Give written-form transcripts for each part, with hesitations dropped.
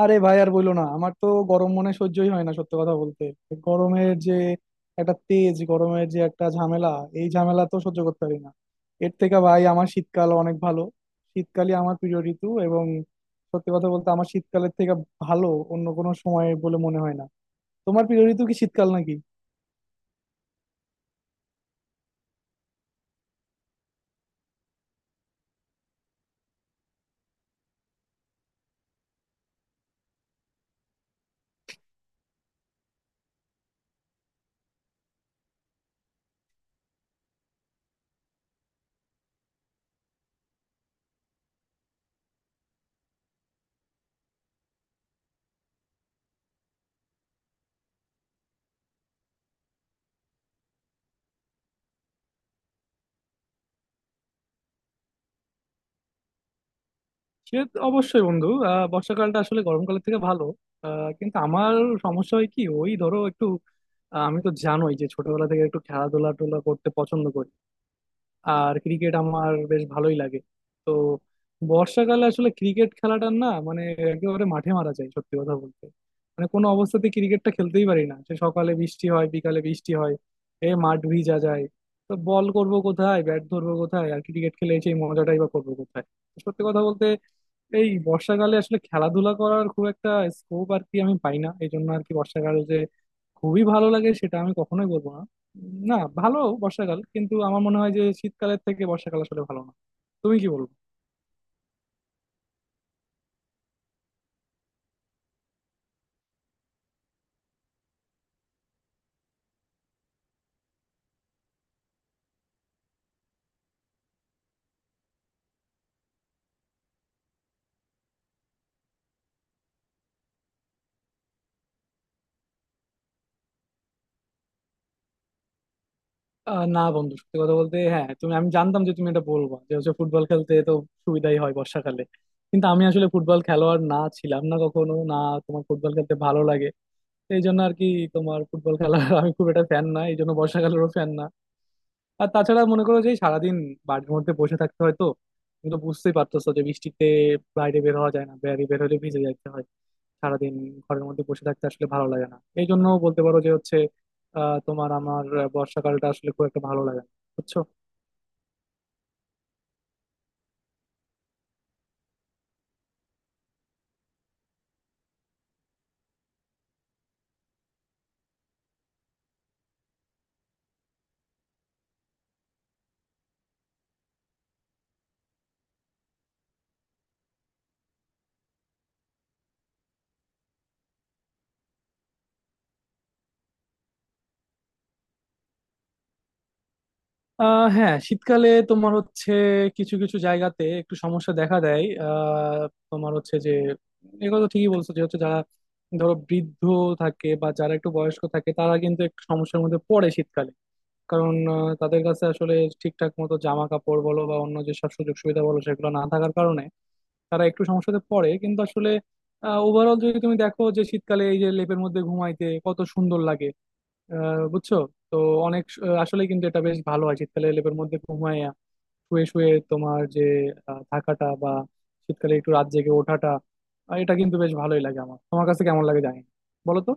আরে ভাই আর বইলো না, আমার তো গরম মনে সহ্যই হয় না সত্যি কথা বলতে। গরমের যে একটা তেজ, গরমের যে একটা ঝামেলা, এই ঝামেলা তো সহ্য করতে পারি না। এর থেকে ভাই আমার শীতকাল অনেক ভালো। শীতকালই আমার প্রিয় ঋতু, এবং সত্যি কথা বলতে আমার শীতকালের থেকে ভালো অন্য কোনো সময় বলে মনে হয় না। তোমার প্রিয় ঋতু কি শীতকাল নাকি? সে তো অবশ্যই বন্ধু। বর্ষাকালটা আসলে গরমকালের থেকে ভালো। কিন্তু আমার সমস্যা হয় কি, ওই ধরো একটু, আমি তো জানোই যে ছোটবেলা থেকে একটু খেলাধুলা টোলা করতে পছন্দ করি। আর ক্রিকেট আমার বেশ ভালোই লাগে। তো বর্ষাকালে আসলে ক্রিকেট খেলাটা না, মানে একেবারে মাঠে মারা যায় সত্যি কথা বলতে। মানে কোনো অবস্থাতে ক্রিকেটটা খেলতেই পারি না, সে সকালে বৃষ্টি হয় বিকালে বৃষ্টি হয়, এ মাঠ ভিজা যায়। তো বল করব কোথায়, ব্যাট ধরবো কোথায়, আর ক্রিকেট খেলে সেই মজাটাই বা করবো কোথায়? তো সত্যি কথা বলতে এই বর্ষাকালে আসলে খেলাধুলা করার খুব একটা স্কোপ আর কি আমি পাই না, এই জন্য আর কি বর্ষাকাল যে খুবই ভালো লাগে সেটা আমি কখনোই বলবো না। না, ভালো বর্ষাকাল, কিন্তু আমার মনে হয় যে শীতকালের থেকে বর্ষাকাল আসলে ভালো না। তুমি কি বলবো? না বন্ধু, সত্যি কথা বলতে হ্যাঁ, তুমি আমি জানতাম যে তুমি এটা বলবো যে হচ্ছে ফুটবল খেলতে তো সুবিধাই হয় বর্ষাকালে। কিন্তু আমি আসলে ফুটবল খেলোয়াড় না, ছিলাম না কখনো না। তোমার ফুটবল খেলতে ভালো লাগে, তো এই জন্য আর কি তোমার ফুটবল খেলার আমি খুব একটা ফ্যান না, এই জন্য বর্ষাকালেরও ফ্যান না। আর তাছাড়া মনে করো যে সারাদিন বাড়ির মধ্যে বসে থাকতে হয় তো। তুমি তো বুঝতেই পারতেছো যে বৃষ্টিতে বাইরে বের হওয়া যায় না, বাইরে বের হলে ভিজে যাইতে হয়। সারাদিন ঘরের মধ্যে বসে থাকতে আসলে ভালো লাগে না, এই জন্য বলতে পারো যে হচ্ছে তোমার আমার, বর্ষাকালটা আসলে খুব একটা ভালো লাগে না। বুঝছো? হ্যাঁ, শীতকালে তোমার হচ্ছে কিছু কিছু জায়গাতে একটু সমস্যা দেখা দেয়। তোমার হচ্ছে যে এগুলো তো ঠিকই বলছো যে হচ্ছে, যারা ধরো বৃদ্ধ থাকে বা যারা একটু বয়স্ক থাকে তারা কিন্তু একটু সমস্যার মধ্যে পড়ে শীতকালে, কারণ তাদের কাছে আসলে ঠিকঠাক মতো জামা কাপড় বলো বা অন্য যেসব সুযোগ সুবিধা বলো সেগুলো না থাকার কারণে তারা একটু সমস্যাতে পড়ে। কিন্তু আসলে ওভারঅল যদি তুমি দেখো যে শীতকালে এই যে লেপের মধ্যে ঘুমাইতে কত সুন্দর লাগে। বুঝছো? তো অনেক আসলে কিন্তু এটা বেশ ভালো হয় শীতকালে লেপের মধ্যে ঘুমাইয়া শুয়ে শুয়ে তোমার যে থাকাটা বা শীতকালে একটু রাত জেগে ওঠাটা, এটা কিন্তু বেশ ভালোই লাগে আমার। তোমার কাছে কেমন লাগে জানি না। বলো তো।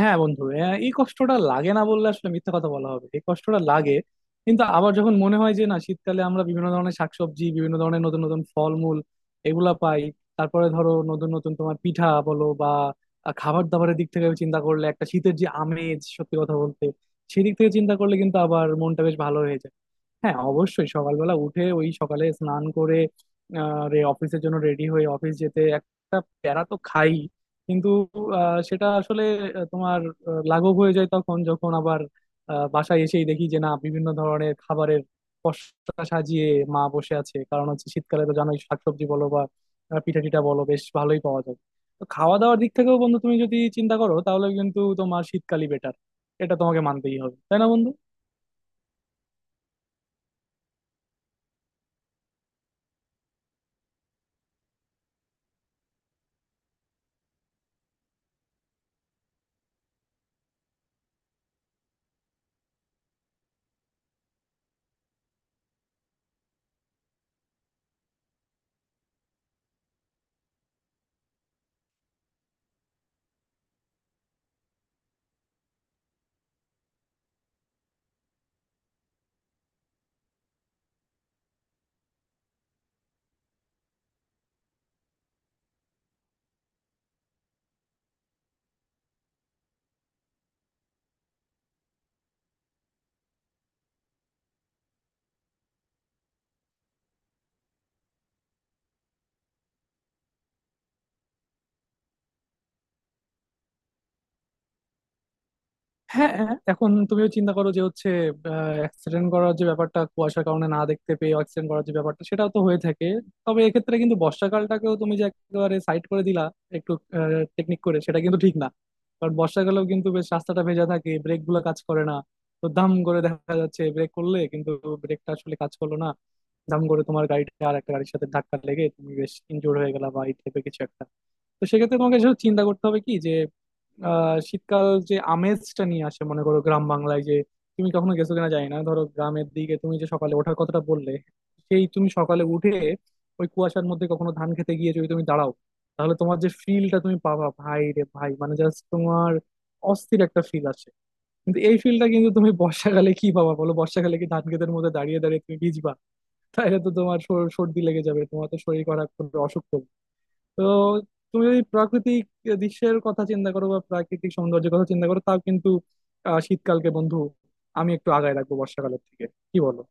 হ্যাঁ বন্ধু, হ্যাঁ, এই কষ্টটা লাগে না বললে আসলে মিথ্যা কথা বলা হবে, এই কষ্টটা লাগে। কিন্তু আবার যখন মনে হয় যে না, শীতকালে আমরা বিভিন্ন ধরনের শাকসবজি, বিভিন্ন ধরনের নতুন নতুন ফলমূল এগুলা পাই, তারপরে ধরো নতুন নতুন তোমার পিঠা বলো বা খাবার দাবারের দিক থেকে চিন্তা করলে একটা শীতের যে আমেজ সত্যি কথা বলতে, সেই দিক থেকে চিন্তা করলে কিন্তু আবার মনটা বেশ ভালো হয়ে যায়। হ্যাঁ অবশ্যই সকালবেলা উঠে ওই সকালে স্নান করে রে অফিসের জন্য রেডি হয়ে অফিস যেতে একটা প্যারা তো খাই, কিন্তু সেটা আসলে তোমার লাঘব হয়ে যায় তখন, যখন আবার বাসায় এসেই দেখি যে না, বিভিন্ন ধরনের খাবারের পসরা সাজিয়ে মা বসে আছে। কারণ হচ্ছে শীতকালে তো জানোই শাকসবজি বলো বা পিঠা টিটা বলো বেশ ভালোই পাওয়া যায়। তো খাওয়া দাওয়ার দিক থেকেও বন্ধু তুমি যদি চিন্তা করো তাহলে কিন্তু তোমার শীতকালই বেটার। এটা তোমাকে মানতেই হবে, তাই না বন্ধু? হ্যাঁ হ্যাঁ, এখন তুমিও চিন্তা করো যে হচ্ছে অ্যাক্সিডেন্ট করার যে ব্যাপারটা কুয়াশার কারণে না দেখতে পেয়ে অ্যাক্সিডেন্ট করার যে ব্যাপারটা, সেটাও তো হয়ে থাকে। তবে এক্ষেত্রে কিন্তু বর্ষাকালটাকেও তুমি যে একেবারে সাইড করে দিলা একটু টেকনিক করে, সেটা কিন্তু ঠিক না। কারণ বর্ষাকালেও কিন্তু বেশ রাস্তাটা ভেজা থাকে, ব্রেক গুলো কাজ করে না। তো দাম করে দেখা যাচ্ছে ব্রেক করলে কিন্তু ব্রেকটা আসলে কাজ করলো না, দাম করে তোমার গাড়িটা আর একটা গাড়ির সাথে ধাক্কা লেগে তুমি বেশ ইনজোর হয়ে গেলা বা এই টাইপের কিছু একটা। তো সেক্ষেত্রে তোমাকে এসব চিন্তা করতে হবে কি, যে আহ শীতকাল যে আমেজটা নিয়ে আসে, মনে করো গ্রাম বাংলায় যে, তুমি কখনো গেছো কিনা জানি না, ধরো গ্রামের দিকে তুমি যে সকালে ওঠার কথাটা বললে, সেই তুমি সকালে উঠে ওই কুয়াশার মধ্যে কখনো ধান খেতে গিয়ে যদি তুমি দাঁড়াও, তাহলে তোমার যে ফিলটা তুমি পাবা, ভাই রে ভাই, মানে জাস্ট তোমার অস্থির একটা ফিল আসে। কিন্তু এই ফিলটা কিন্তু তুমি বর্ষাকালে কি পাবা বলো? বর্ষাকালে কি ধান ক্ষেতের মধ্যে দাঁড়িয়ে দাঁড়িয়ে তুমি ভিজবা? তাহলে তো তোমার সর্দি লেগে যাবে, তোমার তো শরীর খারাপ করবে, অসুখ করবে। তো তুমি যদি প্রাকৃতিক দৃশ্যের কথা চিন্তা করো বা প্রাকৃতিক সৌন্দর্যের কথা চিন্তা করো, তাও কিন্তু শীতকালকে বন্ধু আমি একটু আগায় রাখবো বর্ষাকালের থেকে। কি বলো?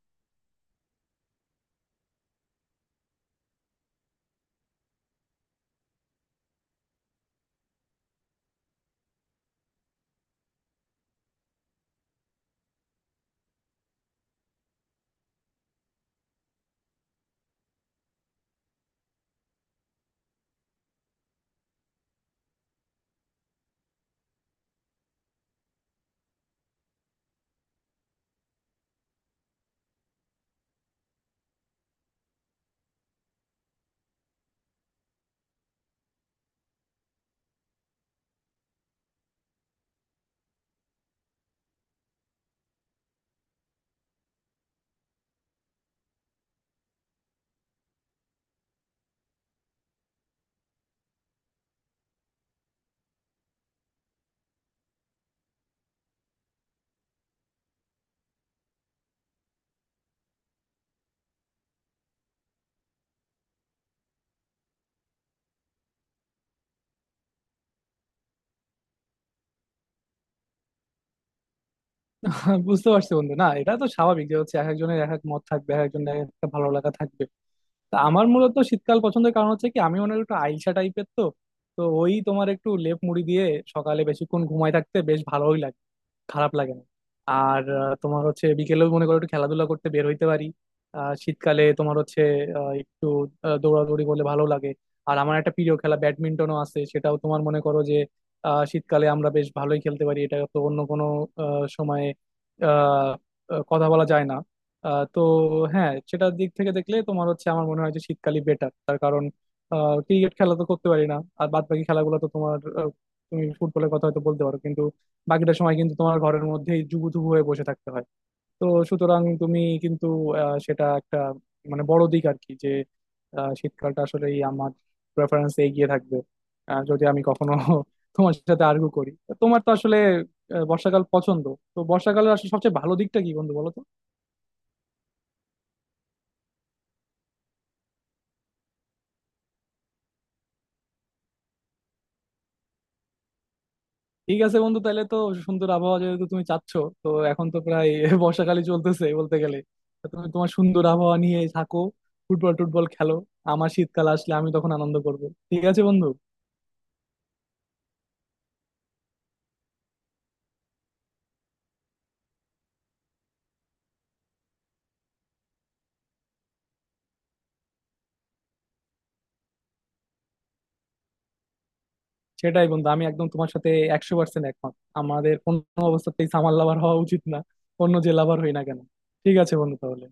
হ্যাঁ, বুঝতে পারছি বন্ধু। না, এটা তো স্বাভাবিক যে হচ্ছে এক একজনের এক এক মত থাকবে, এক একজনের এক একটা ভালো লাগা থাকবে। তা আমার মূলত শীতকাল পছন্দের কারণ হচ্ছে কি, আমি অনেক একটু আইসা টাইপের তো। তো ওই তোমার একটু লেপ মুড়ি দিয়ে সকালে বেশিক্ষণ ঘুমায় থাকতে বেশ ভালোই লাগে, খারাপ লাগে না। আর তোমার হচ্ছে বিকেলেও মনে করো একটু খেলাধুলা করতে বের হইতে পারি। শীতকালে তোমার হচ্ছে একটু দৌড়াদৌড়ি করলে ভালো লাগে। আর আমার একটা প্রিয় খেলা ব্যাডমিন্টনও আছে, সেটাও তোমার মনে করো যে শীতকালে আমরা বেশ ভালোই খেলতে পারি। এটা তো অন্য কোনো সময়ে আহ, কথা বলা যায় না। তো হ্যাঁ, সেটার দিক থেকে দেখলে তোমার হচ্ছে আমার মনে হয় যে শীতকালই বেটার। তার কারণ ক্রিকেট খেলা তো করতে পারি না, আর বাদ বাকি খেলাগুলো তো তোমার তুমি ফুটবলের কথা হয়তো বলতে পারো, বাকিটা সময় কিন্তু তোমার ঘরের মধ্যেই জুবুথুবু হয়ে বসে থাকতে হয়। তো সুতরাং তুমি কিন্তু সেটা একটা মানে বড় দিক আর কি, যে শীতকালটা আসলেই আমার প্রেফারেন্স এগিয়ে থাকবে। যদি আমি কখনো তোমার সাথে আর্গু করি, তো তোমার তো আসলে বর্ষাকাল পছন্দ, তো বর্ষাকালের আসলে সবচেয়ে ভালো দিকটা কি বন্ধু বলো তো? ঠিক আছে বন্ধু, তাহলে তো সুন্দর আবহাওয়া যেহেতু তুমি চাচ্ছ, তো এখন তো প্রায় বর্ষাকালই চলতেছে বলতে গেলে, তা তুমি তোমার সুন্দর আবহাওয়া নিয়ে থাকো, ফুটবল টুটবল খেলো, আমার শীতকাল আসলে আমি তখন আনন্দ করব। ঠিক আছে বন্ধু। সেটাই বন্ধু, আমি একদম তোমার সাথে 100% একমত। আমাদের কোনো অবস্থাতেই সামার লাভার হওয়া উচিত না, অন্য যে লাভার হই না কেন। ঠিক আছে বন্ধু, তাহলে।